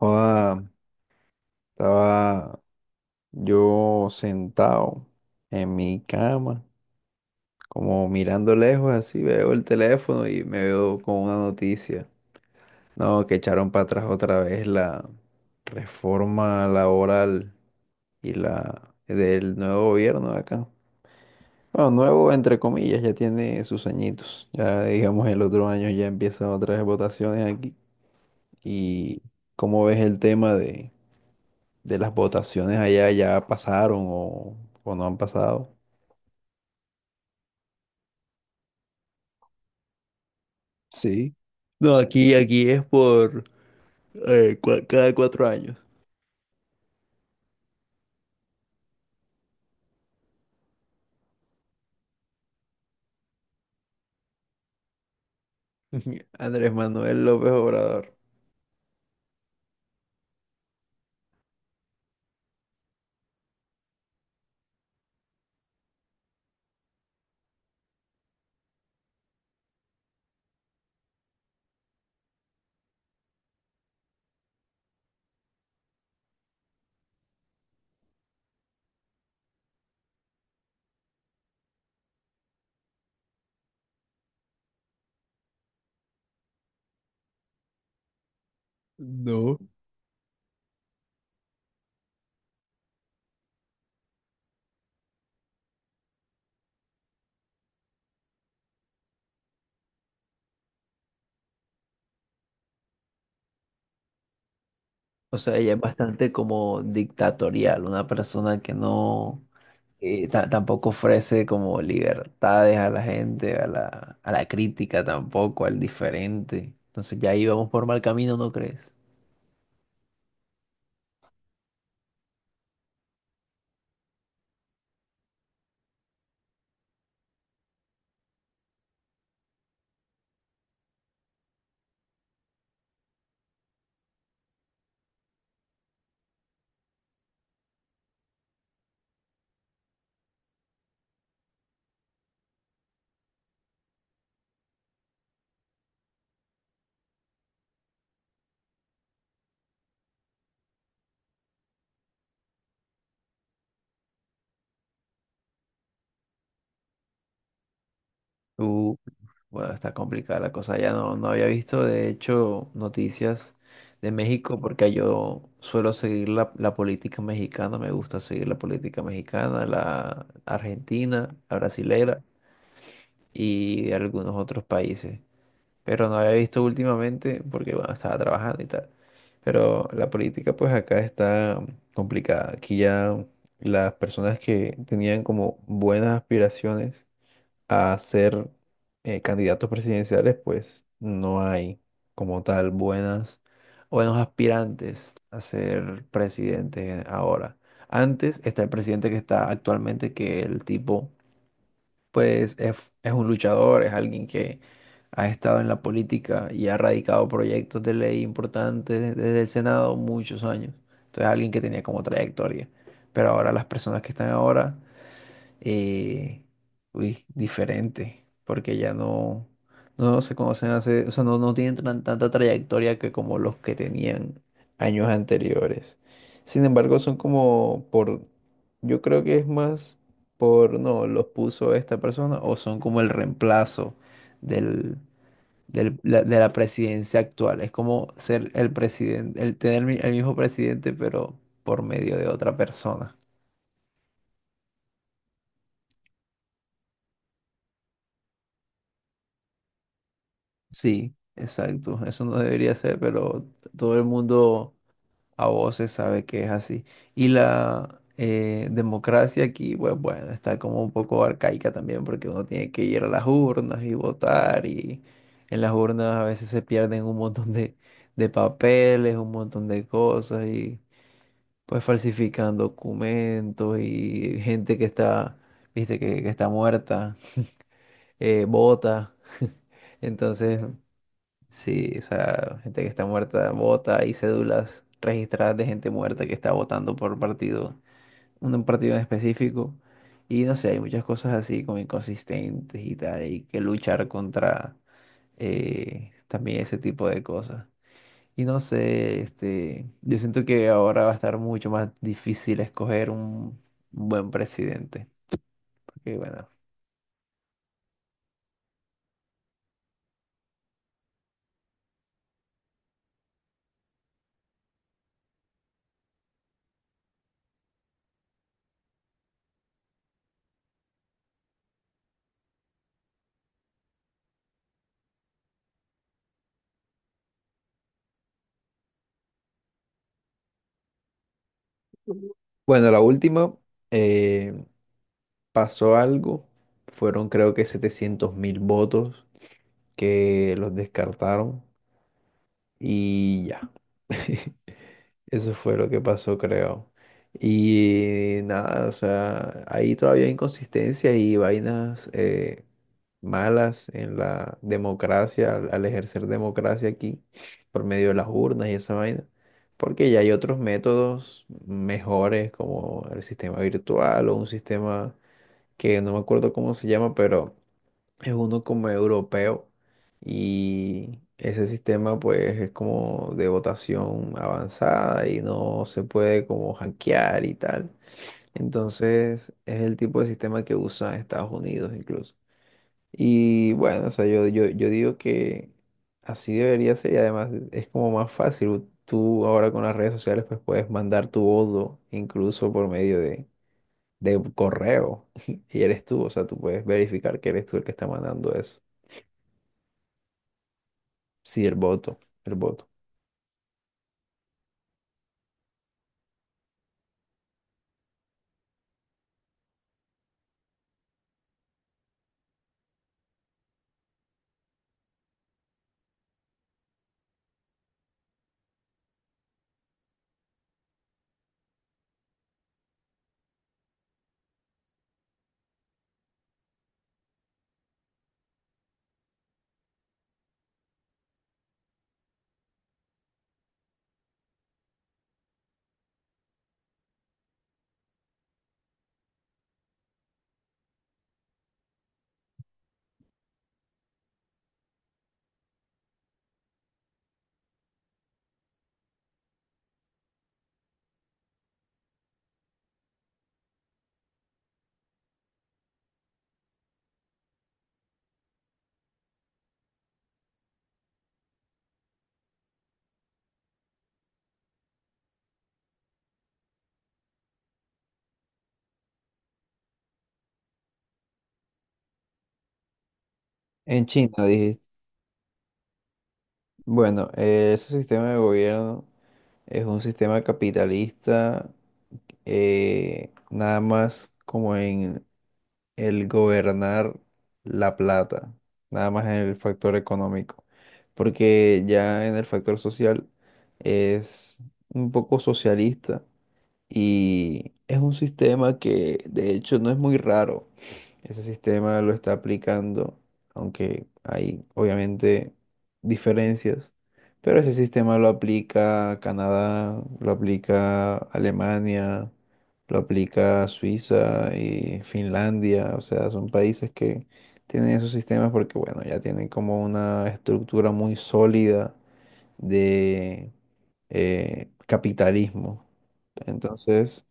Joda, estaba yo sentado en mi cama, como mirando lejos, así veo el teléfono y me veo con una noticia. No, que echaron para atrás otra vez la reforma laboral y la del nuevo gobierno de acá. Bueno, nuevo entre comillas, ya tiene sus añitos. Ya digamos el otro año ya empiezan otras votaciones aquí. ¿Y cómo ves el tema de las votaciones allá ya pasaron o no han pasado? Sí. No, aquí es por cada 4 años. Andrés Manuel López Obrador. No. O sea, ella es bastante como dictatorial, una persona que no, tampoco ofrece como libertades a la gente, a la crítica tampoco, al diferente. Entonces ya íbamos por mal camino, ¿no crees? Bueno, está complicada la cosa. Ya no había visto, de hecho, noticias de México porque yo suelo seguir la política mexicana, me gusta seguir la política mexicana, la argentina, la brasilera y de algunos otros países. Pero no había visto últimamente porque, bueno, estaba trabajando y tal. Pero la política pues acá está complicada. Aquí ya las personas que tenían como buenas aspiraciones a ser candidatos presidenciales, pues no hay como tal buenas, buenos aspirantes a ser presidente ahora. Antes está el presidente que está actualmente, que el tipo pues es un luchador, es alguien que ha estado en la política y ha radicado proyectos de ley importantes desde el Senado muchos años. Entonces alguien que tenía como trayectoria. Pero ahora las personas que están ahora eh, uy, diferente, porque ya no se conocen hace, o sea, no tienen tanta trayectoria que como los que tenían años anteriores. Sin embargo, son como por, yo creo que es más por, no, los puso esta persona o son como el reemplazo del, de la presidencia actual. Es como ser el presidente, el tener el mismo presidente, pero por medio de otra persona. Sí, exacto. Eso no debería ser, pero todo el mundo a voces sabe que es así. Y la democracia aquí, pues bueno, está como un poco arcaica también, porque uno tiene que ir a las urnas y votar, y en las urnas a veces se pierden un montón de papeles, un montón de cosas, y pues falsifican documentos y gente que está, viste, que está muerta, vota. Entonces, sí, o sea, gente que está muerta vota, hay cédulas registradas de gente muerta que está votando por partido, un partido en específico. Y no sé, hay muchas cosas así como inconsistentes y tal, hay que luchar contra también ese tipo de cosas. Y no sé, este, yo siento que ahora va a estar mucho más difícil escoger un buen presidente, porque bueno. Bueno, la última eh, pasó algo, fueron creo que 700.000 votos que los descartaron y ya. Eso fue lo que pasó, creo. Y nada, o sea, ahí todavía hay inconsistencias y vainas malas en la democracia, al ejercer democracia aquí, por medio de las urnas y esa vaina, porque ya hay otros métodos mejores como el sistema virtual o un sistema que no me acuerdo cómo se llama, pero es uno como europeo y ese sistema pues es como de votación avanzada y no se puede como hackear y tal. Entonces es el tipo de sistema que usa Estados Unidos incluso. Y bueno, o sea, yo digo que así debería ser y además es como más fácil. Tú ahora con las redes sociales pues puedes mandar tu voto incluso por medio de correo y eres tú, o sea, tú puedes verificar que eres tú el que está mandando eso. Sí, el voto, el voto. ¿En China, dijiste? Bueno, ese sistema de gobierno es un sistema capitalista, nada más como en el gobernar la plata, nada más en el factor económico, porque ya en el factor social es un poco socialista, y es un sistema que de hecho no es muy raro. Ese sistema lo está aplicando, aunque hay obviamente diferencias, pero ese sistema lo aplica Canadá, lo aplica Alemania, lo aplica Suiza y Finlandia. O sea, son países que tienen esos sistemas porque, bueno, ya tienen como una estructura muy sólida de capitalismo. Entonces,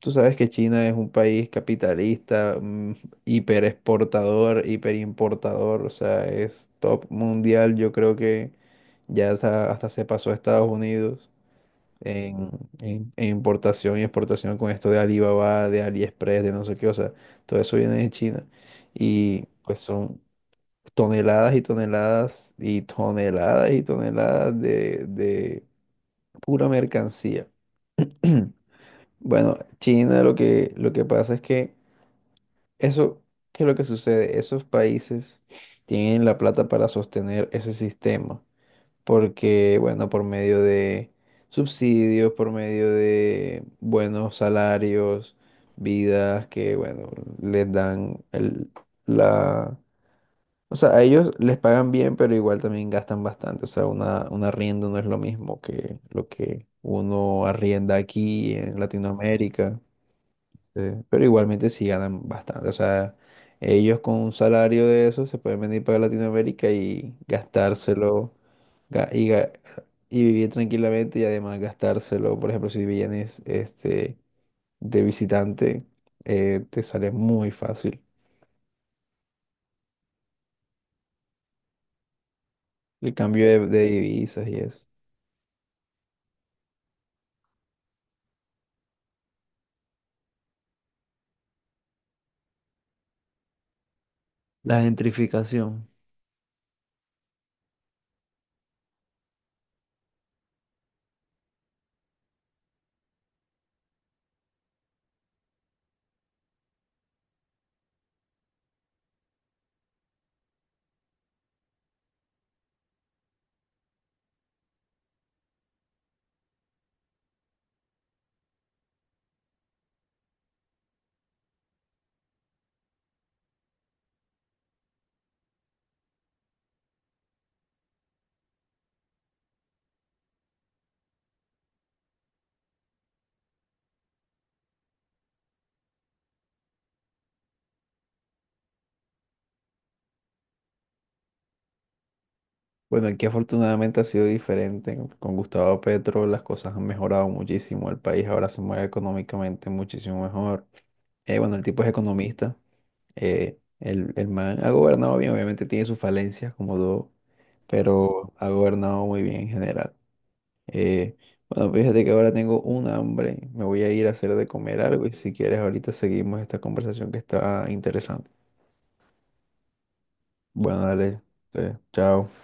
tú sabes que China es un país capitalista, hiperexportador, hiperimportador, o sea, es top mundial. Yo creo que ya hasta se pasó a Estados Unidos en, en importación y exportación con esto de Alibaba, de AliExpress, de no sé qué, o sea, todo eso viene de China. Y pues son toneladas y toneladas y toneladas y toneladas de pura mercancía. Bueno, China lo que, pasa es que eso, ¿qué es lo que sucede? Esos países tienen la plata para sostener ese sistema, porque, bueno, por medio de subsidios, por medio de buenos salarios, vidas que, bueno, les dan el, la... O sea, a ellos les pagan bien, pero igual también gastan bastante. O sea, una, un arriendo no es lo mismo que lo que uno arrienda aquí en Latinoamérica. Sí, pero igualmente sí ganan bastante. O sea, ellos con un salario de eso se pueden venir para Latinoamérica y gastárselo ga- y, ga- y vivir tranquilamente y además gastárselo. Por ejemplo, si vienes este, de visitante, te sale muy fácil el cambio de divisas y eso. La gentrificación. Bueno, aquí afortunadamente ha sido diferente. Con Gustavo Petro las cosas han mejorado muchísimo. El país ahora se mueve económicamente muchísimo mejor. Bueno, el tipo es economista. El man ha gobernado bien, obviamente tiene sus falencias como todo, pero ha gobernado muy bien en general. Eh, bueno, fíjate que ahora tengo un hambre. Me voy a ir a hacer de comer algo y si quieres ahorita seguimos esta conversación que está interesante. Bueno, dale. Chao.